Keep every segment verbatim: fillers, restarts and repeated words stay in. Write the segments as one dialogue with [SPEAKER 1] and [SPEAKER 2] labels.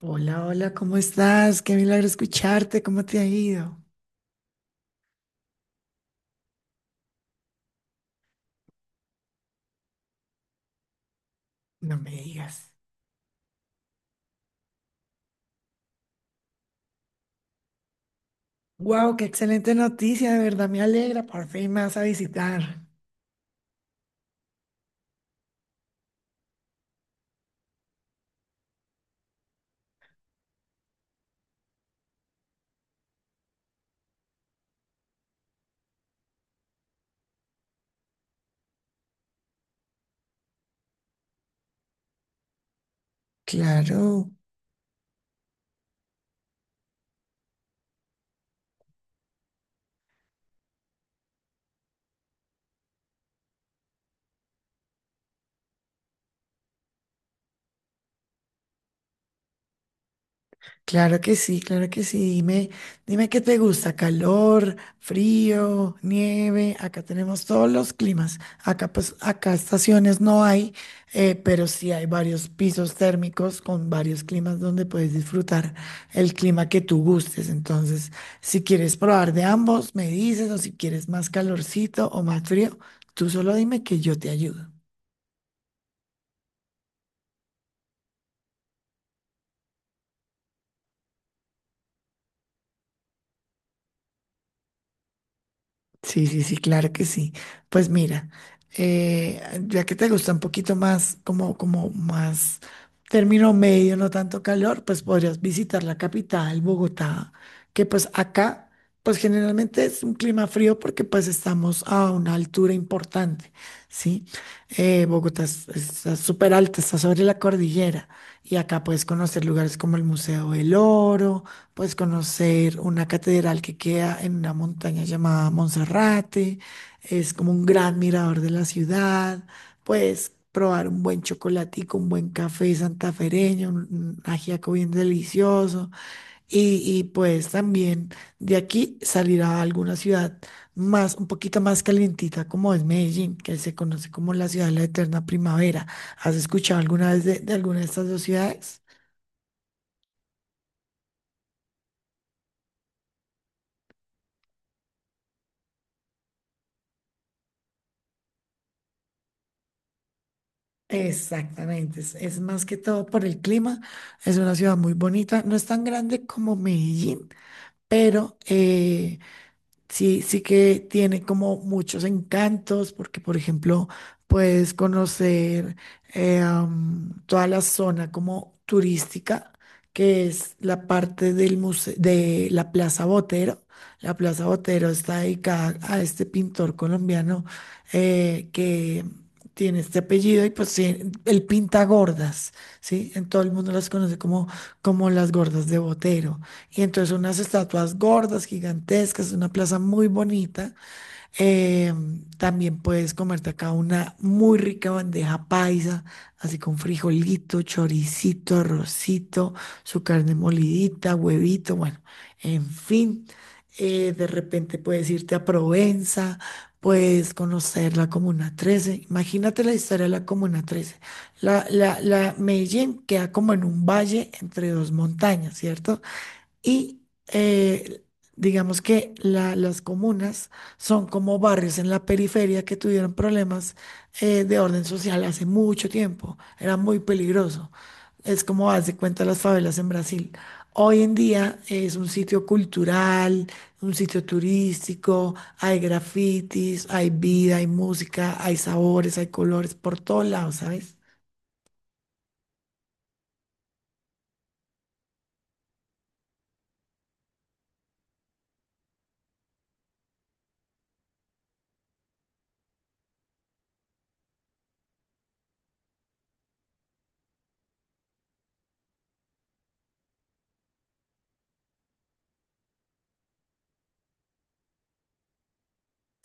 [SPEAKER 1] Hola, hola, ¿cómo estás? Qué milagro escucharte, ¿cómo te ha ido? No me digas. Wow, qué excelente noticia, de verdad me alegra, por fin me vas a visitar. Claro. Claro que sí, claro que sí. Dime, dime qué te gusta, calor, frío, nieve. Acá tenemos todos los climas. Acá, pues, acá estaciones no hay, eh, pero sí hay varios pisos térmicos con varios climas donde puedes disfrutar el clima que tú gustes. Entonces, si quieres probar de ambos, me dices, o si quieres más calorcito o más frío, tú solo dime que yo te ayudo. Sí, sí, sí, claro que sí. Pues mira, eh, ya que te gusta un poquito más, como, como más término medio, no tanto calor, pues podrías visitar la capital, Bogotá, que pues acá, pues generalmente es un clima frío porque pues estamos a una altura importante, ¿sí? Eh, Bogotá es- está súper alta, está sobre la cordillera y acá puedes conocer lugares como el Museo del Oro. Puedes conocer una catedral que queda en una montaña llamada Monserrate, es como un gran mirador de la ciudad. Puedes probar un buen chocolatico, un buen café santafereño, un un ajiaco bien delicioso. Y, y puedes también de aquí salir a alguna ciudad más, un poquito más calientita, como es Medellín, que se conoce como la ciudad de la eterna primavera. ¿Has escuchado alguna vez de de alguna de estas dos ciudades? Exactamente, es, es más que todo por el clima, es una ciudad muy bonita, no es tan grande como Medellín, pero eh, sí, sí que tiene como muchos encantos, porque por ejemplo puedes conocer eh, am, toda la zona como turística, que es la parte del muse- de la Plaza Botero. La Plaza Botero está dedicada a este pintor colombiano eh, que tiene este apellido y pues tiene- él pinta gordas, ¿sí? En todo el mundo las conoce como, como las gordas de Botero. Y entonces unas estatuas gordas, gigantescas, una plaza muy bonita. Em, también puedes comerte acá una muy rica bandeja paisa, así con frijolito, choricito, arrocito, su carne molidita, huevito, bueno, en fin. Eh, de repente puedes irte a Provenza, puedes conocer la Comuna Trece. Imagínate la historia de la Comuna Trece. La, la, la Medellín queda como en un valle entre dos montañas, ¿cierto? Y eh, digamos que la- las comunas son como barrios en la periferia que tuvieron problemas eh, de orden social hace mucho tiempo. Era muy peligroso. Es como hace cuenta las favelas en Brasil. Hoy en día es un sitio cultural, un sitio turístico, hay grafitis, hay vida, hay música, hay sabores, hay colores por todos lados, ¿sabes?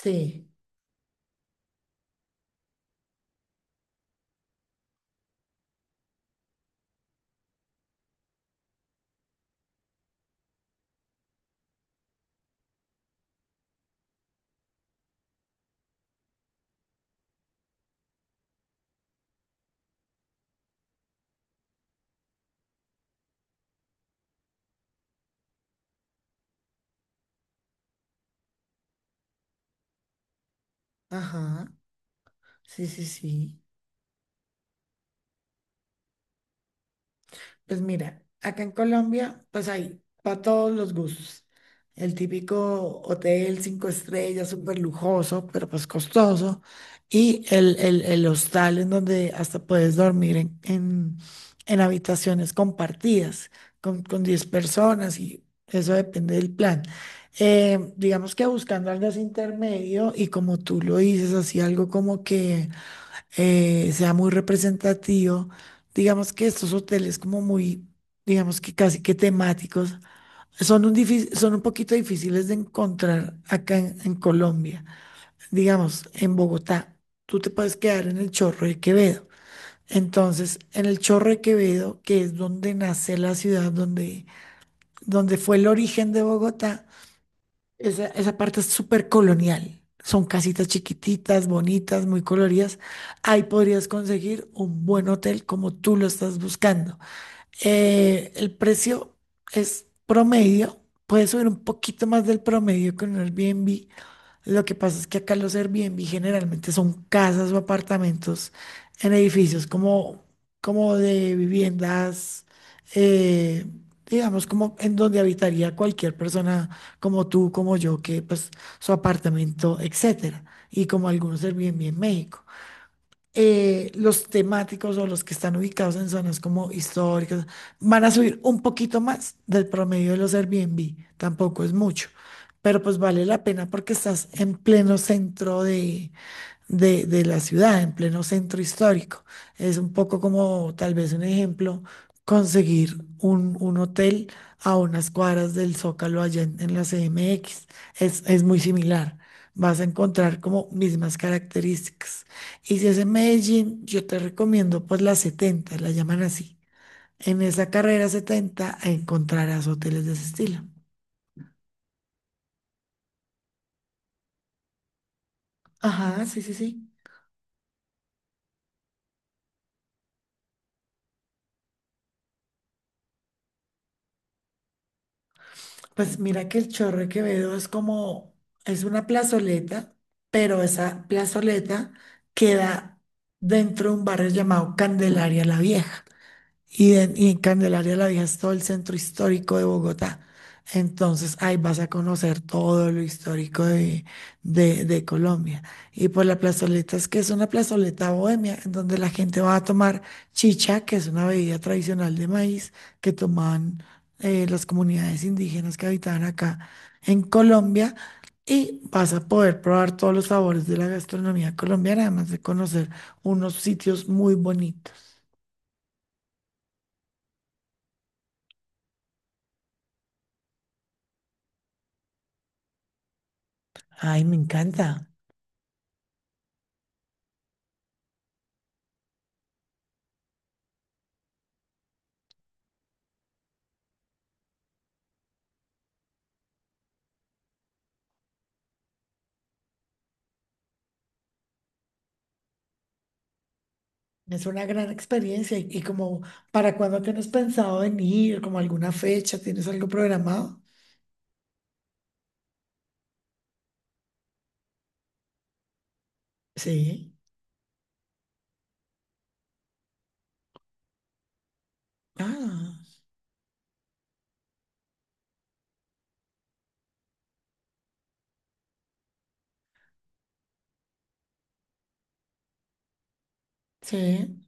[SPEAKER 1] Sí, ajá, sí, sí, sí. Pues mira, acá en Colombia, pues hay para todos los gustos. El típico hotel cinco estrellas, súper lujoso, pero pues costoso. Y el, el, el hostal en donde hasta puedes dormir en, en, en habitaciones compartidas con, con diez personas y eso depende del plan. Eh, digamos que buscando algo así intermedio y como tú lo dices, así algo como que eh, sea muy representativo. Digamos que estos hoteles como muy, digamos que casi que temáticos, son un, difí- son un poquito difíciles de encontrar acá en, en Colombia. Digamos, en Bogotá, tú te puedes quedar en el Chorro de Quevedo. Entonces, en el Chorro de Quevedo, que es donde nace la ciudad, donde, donde fue el origen de Bogotá, esa, esa parte es súper colonial. Son casitas chiquititas, bonitas, muy coloridas. Ahí podrías conseguir un buen hotel como tú lo estás buscando. Eh, el precio es promedio. Puedes subir un poquito más del promedio con un Airbnb, lo que pasa es que acá los Airbnb generalmente son casas o apartamentos en edificios como, como de viviendas, eh, digamos, como en donde habitaría cualquier persona como tú, como yo, que pues su apartamento, etcétera. Y como algunos Airbnb en México eh, los temáticos o los que están ubicados en zonas como históricas van a subir un poquito más del promedio de los Airbnb. Tampoco es mucho, pero pues vale la pena porque estás en pleno centro de de, de la ciudad, en pleno centro histórico. Es un poco como tal vez un ejemplo, conseguir un, un hotel a unas cuadras del Zócalo allá en, en la C M X. Es, es muy similar. Vas a encontrar como mismas características. Y si es en Medellín, yo te recomiendo pues la setenta la llaman así. En esa carrera setenta encontrarás hoteles de ese estilo. Ajá, sí, sí, sí. Pues mira que el Chorro Quevedo es como, es una plazoleta, pero esa plazoleta queda dentro de un barrio llamado Candelaria la Vieja y, en y en Candelaria la Vieja es todo el centro histórico de Bogotá. Entonces ahí vas a conocer todo lo histórico de, de, de Colombia. Y por la plazoleta es que es una plazoleta bohemia, en donde la gente va a tomar chicha, que es una bebida tradicional de maíz que tomaban eh, las comunidades indígenas que habitaban acá en Colombia. Y vas a poder probar todos los sabores de la gastronomía colombiana, además de conocer unos sitios muy bonitos. Ay, me encanta. Es una gran experiencia y, y como para cuándo tienes pensado venir, como alguna fecha, ¿tienes algo programado? Sí. Ah, sí.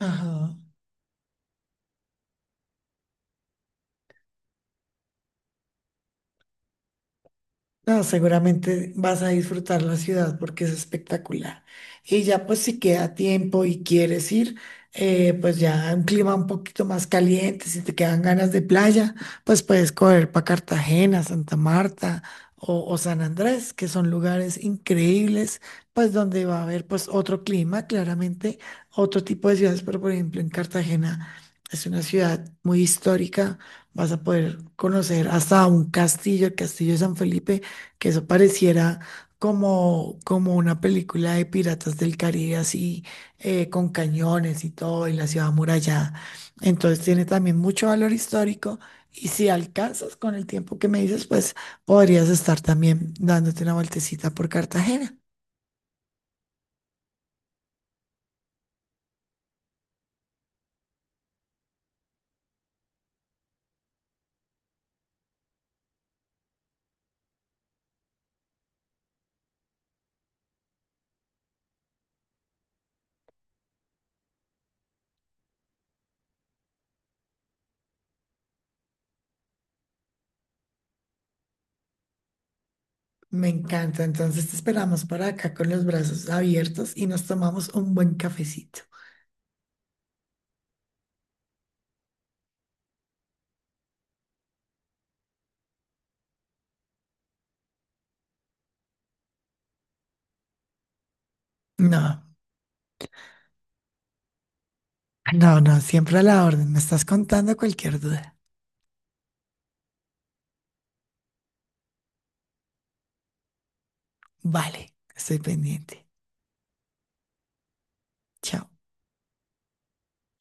[SPEAKER 1] Ajá. No, seguramente vas a disfrutar la ciudad porque es espectacular. Y ya pues si queda tiempo y quieres ir, eh, pues ya un clima un poquito más caliente, si te quedan ganas de playa, pues puedes correr para Cartagena, Santa Marta o, o San Andrés, que son lugares increíbles, pues donde va a haber pues otro clima, claramente, otro tipo de ciudades, pero por ejemplo en Cartagena es una ciudad muy histórica, vas a poder conocer hasta un castillo, el Castillo de San Felipe que eso pareciera como, como una película de Piratas del Caribe, así eh, con cañones y todo, y la ciudad amurallada. Entonces tiene también mucho valor histórico y si alcanzas con el tiempo que me dices, pues podrías estar también dándote una vueltecita por Cartagena. Me encanta, entonces te esperamos para acá con los brazos abiertos y nos tomamos un buen cafecito. No, no, no, siempre a la orden. Me estás contando cualquier duda. Vale, estoy pendiente. Chao.